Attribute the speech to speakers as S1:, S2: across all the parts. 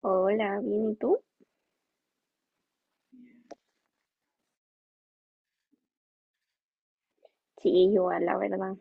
S1: Hola, bien, ¿y tú? Sí, igual, la verdad.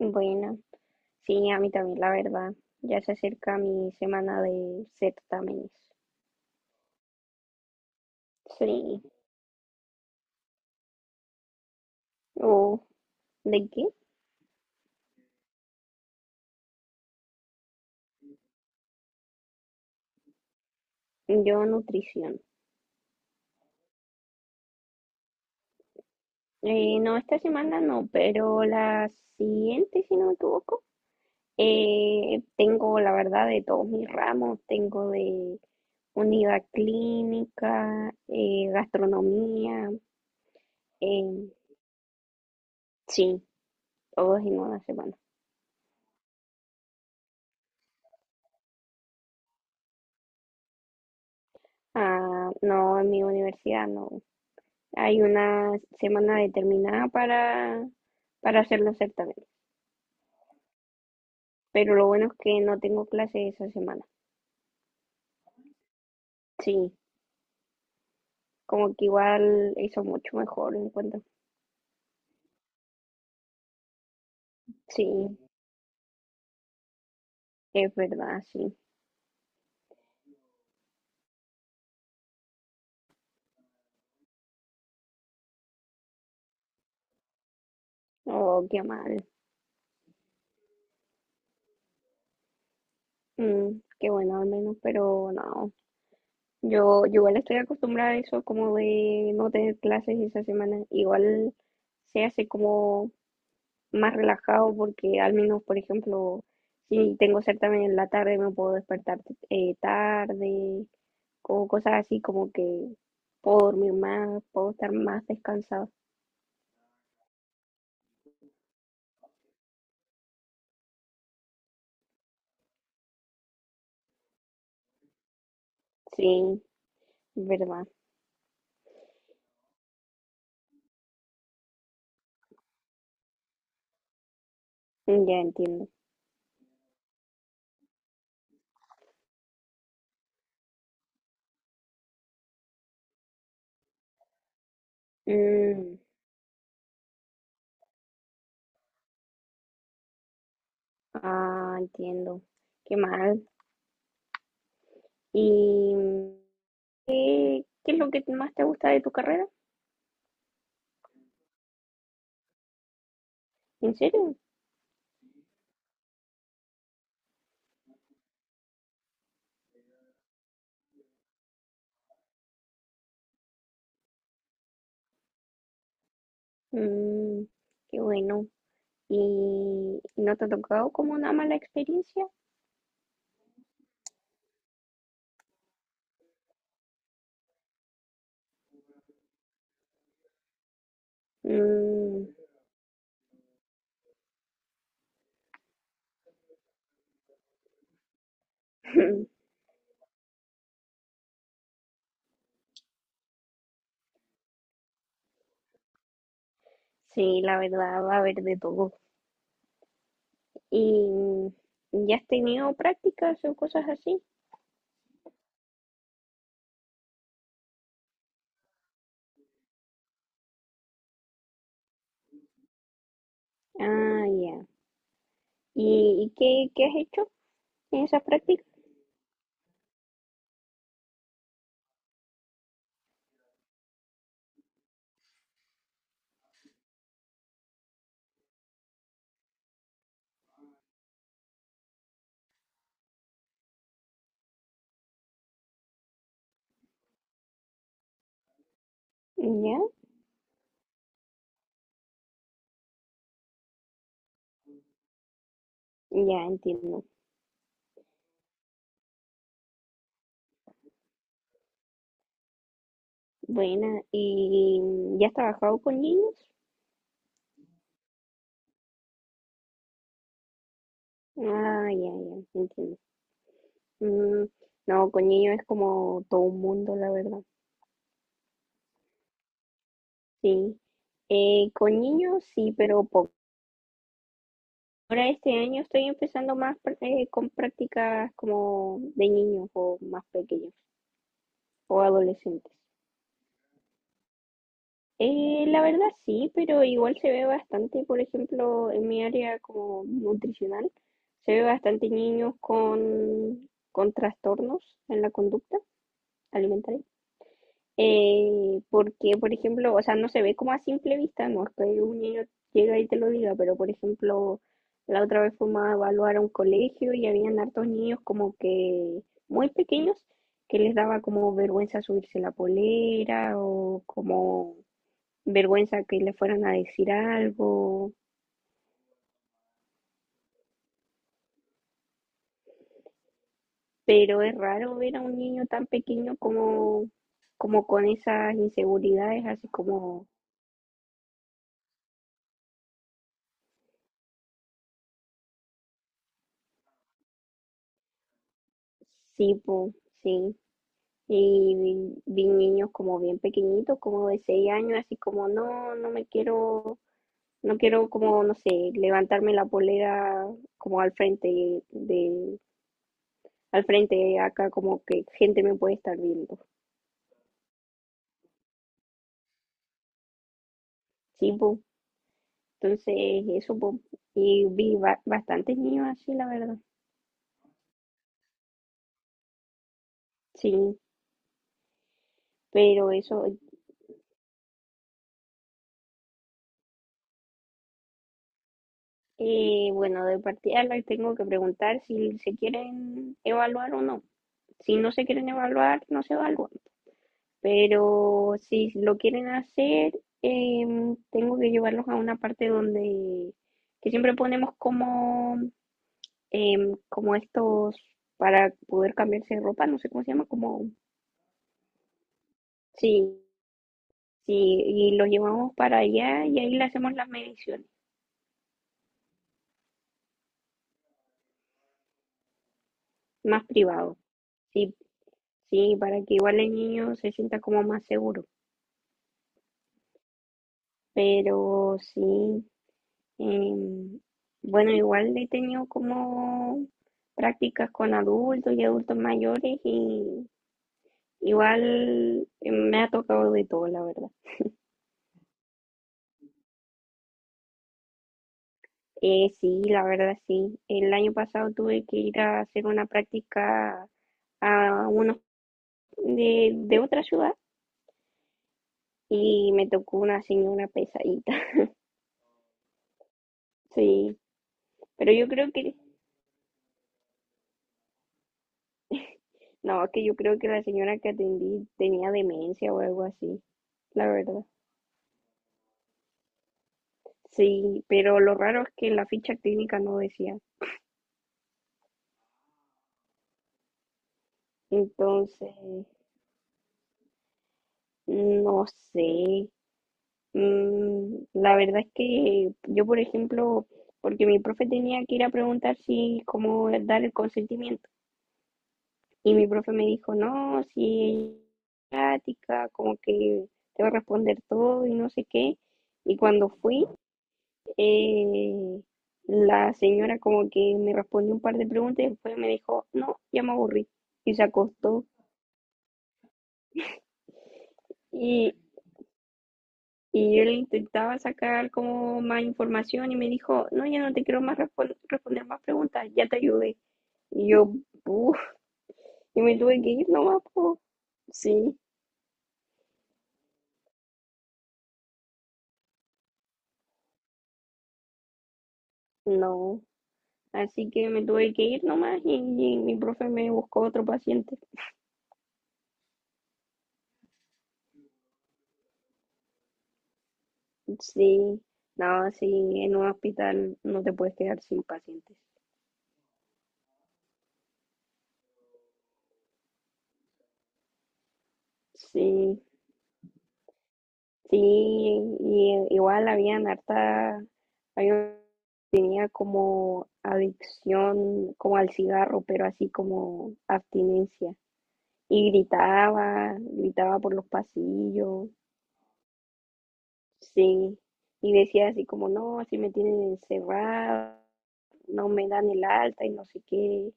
S1: Bueno, sí, a mí también, la verdad. Ya se acerca mi semana de certámenes. Sí, o ¿de qué? Yo nutrición. No, esta semana no, pero la siguiente, si no me equivoco. Tengo, la verdad, de todos mis ramos. Tengo de unidad clínica, gastronomía. eh, sí, todos en una semana. Ah, no, en mi universidad no. Hay una semana determinada para hacer los certámenes, pero lo bueno es que no tengo clase esa semana. Sí, como que igual hizo mucho mejor, encuentro. Sí, es verdad, sí. Oh, qué mal. Mm, qué bueno al menos, pero no. Yo igual estoy acostumbrada a eso, como de no tener clases esa semana. Igual se hace como más relajado porque al menos, por ejemplo, si tengo certamen en la tarde me puedo despertar tarde o cosas así como que puedo dormir más, puedo estar más descansado. Sí, verdad. Mm, ya entiendo. Mm, ah, entiendo. Qué mal. ¿Y qué es lo que más te gusta de tu carrera? ¿En serio? Mm, qué bueno. ¿Y no te ha tocado como una mala experiencia? Mm. Sí, la verdad va a haber de todo. ¿Y ya has tenido prácticas o cosas así? Ah, ya. ¿Y, qué has hecho en esas prácticas? Ya, ya entiendo. Buena. ¿Y ya has trabajado con niños? Ah, ya, ya, entiendo. Mm, no, con niños es como todo un mundo, la verdad. Sí. Con niños sí, pero poco. Ahora este año estoy empezando más con prácticas como de niños o más pequeños, o adolescentes. La verdad sí, pero igual se ve bastante, por ejemplo, en mi área como nutricional, se ve bastante niños con trastornos en la conducta alimentaria. Porque, por ejemplo, o sea, no se ve como a simple vista, no es que un niño llega y te lo diga, pero por ejemplo, la otra vez fuimos a evaluar a un colegio y habían hartos niños como que muy pequeños que les daba como vergüenza subirse la polera o como vergüenza que le fueran a decir algo, pero es raro ver a un niño tan pequeño como con esas inseguridades, así como, sí, po, sí. Y vi niños como bien pequeñitos, como de 6 años, así como, no, no me quiero, no quiero como, no sé, levantarme la polera como al frente de, al frente acá, como que gente me puede estar viendo. Sí, po. Entonces, eso, po, y vi bastantes niños así, la verdad. Sí, pero eso, bueno, de partida les tengo que preguntar si se quieren evaluar o no. Si no se quieren evaluar, no se evalúan. Pero si lo quieren hacer, tengo que llevarlos a una parte donde, que siempre ponemos como, como estos para poder cambiarse de ropa, no sé cómo se llama, como, sí. Sí, y lo llevamos para allá y ahí le hacemos las mediciones, más privado. Sí, sí, para que igual el niño se sienta como más seguro. Pero sí, em, bueno, igual he tenido como prácticas con adultos y adultos mayores y igual me ha tocado de todo, la verdad. Sí, la verdad sí. El año pasado tuve que ir a hacer una práctica a unos de otra ciudad y me tocó una señora pesadita. Sí, pero yo creo que, no, que yo creo que la señora que atendí tenía demencia o algo así, la verdad. Sí, pero lo raro es que la ficha clínica no decía. Entonces, no sé. Mm, la verdad es que yo, por ejemplo, porque mi profe tenía que ir a preguntar si, cómo dar el consentimiento. Y mi profe me dijo, no, si ella es práctica, como que te va a responder todo y no sé qué. Y cuando fui, eh, la señora como que me respondió un par de preguntas y después me dijo, no, ya me aburrí. Y se acostó. Y, y yo le intentaba sacar como más información y me dijo, no, ya no te quiero más responder más preguntas, ya te ayudé. Y yo, uff, y me tuve que ir nomás, po. Sí, no. Así que me tuve que ir nomás y mi profe me buscó otro paciente. Sí, no, sí, en un hospital no te puedes quedar sin pacientes. Sí, sí, y igual había como adicción, como al cigarro, pero así como abstinencia. Y gritaba por los pasillos, sí, y decía así como, no, así me tienen encerrado, no me dan el alta y no sé qué.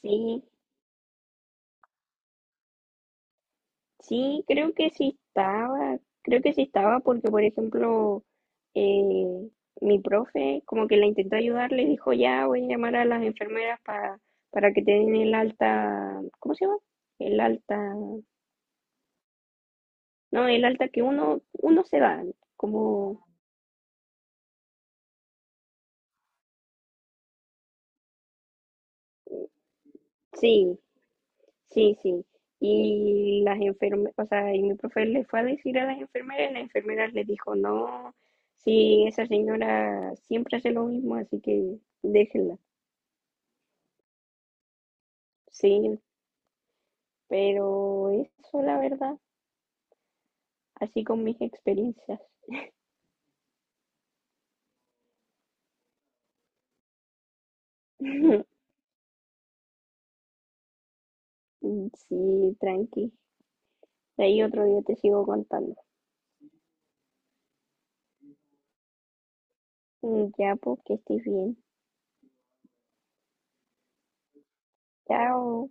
S1: Sí, sí, creo que sí estaba porque, por ejemplo, eh, mi profe como que la intentó ayudar, le dijo, ya voy a llamar a las enfermeras para que te den el alta, ¿cómo se llama? El alta, no, el alta que uno se da, como, sí. Sí, sí. Y las enfermeras, o sea, y mi profe le fue a decir a las enfermeras, y las enfermeras le dijo, no, sí, esa señora siempre hace lo mismo, así que déjenla. Sí, pero eso, la verdad, así con mis experiencias. Sí, tranqui. De ahí otro día te sigo contando. Ya, pues, que estés bien. Chao.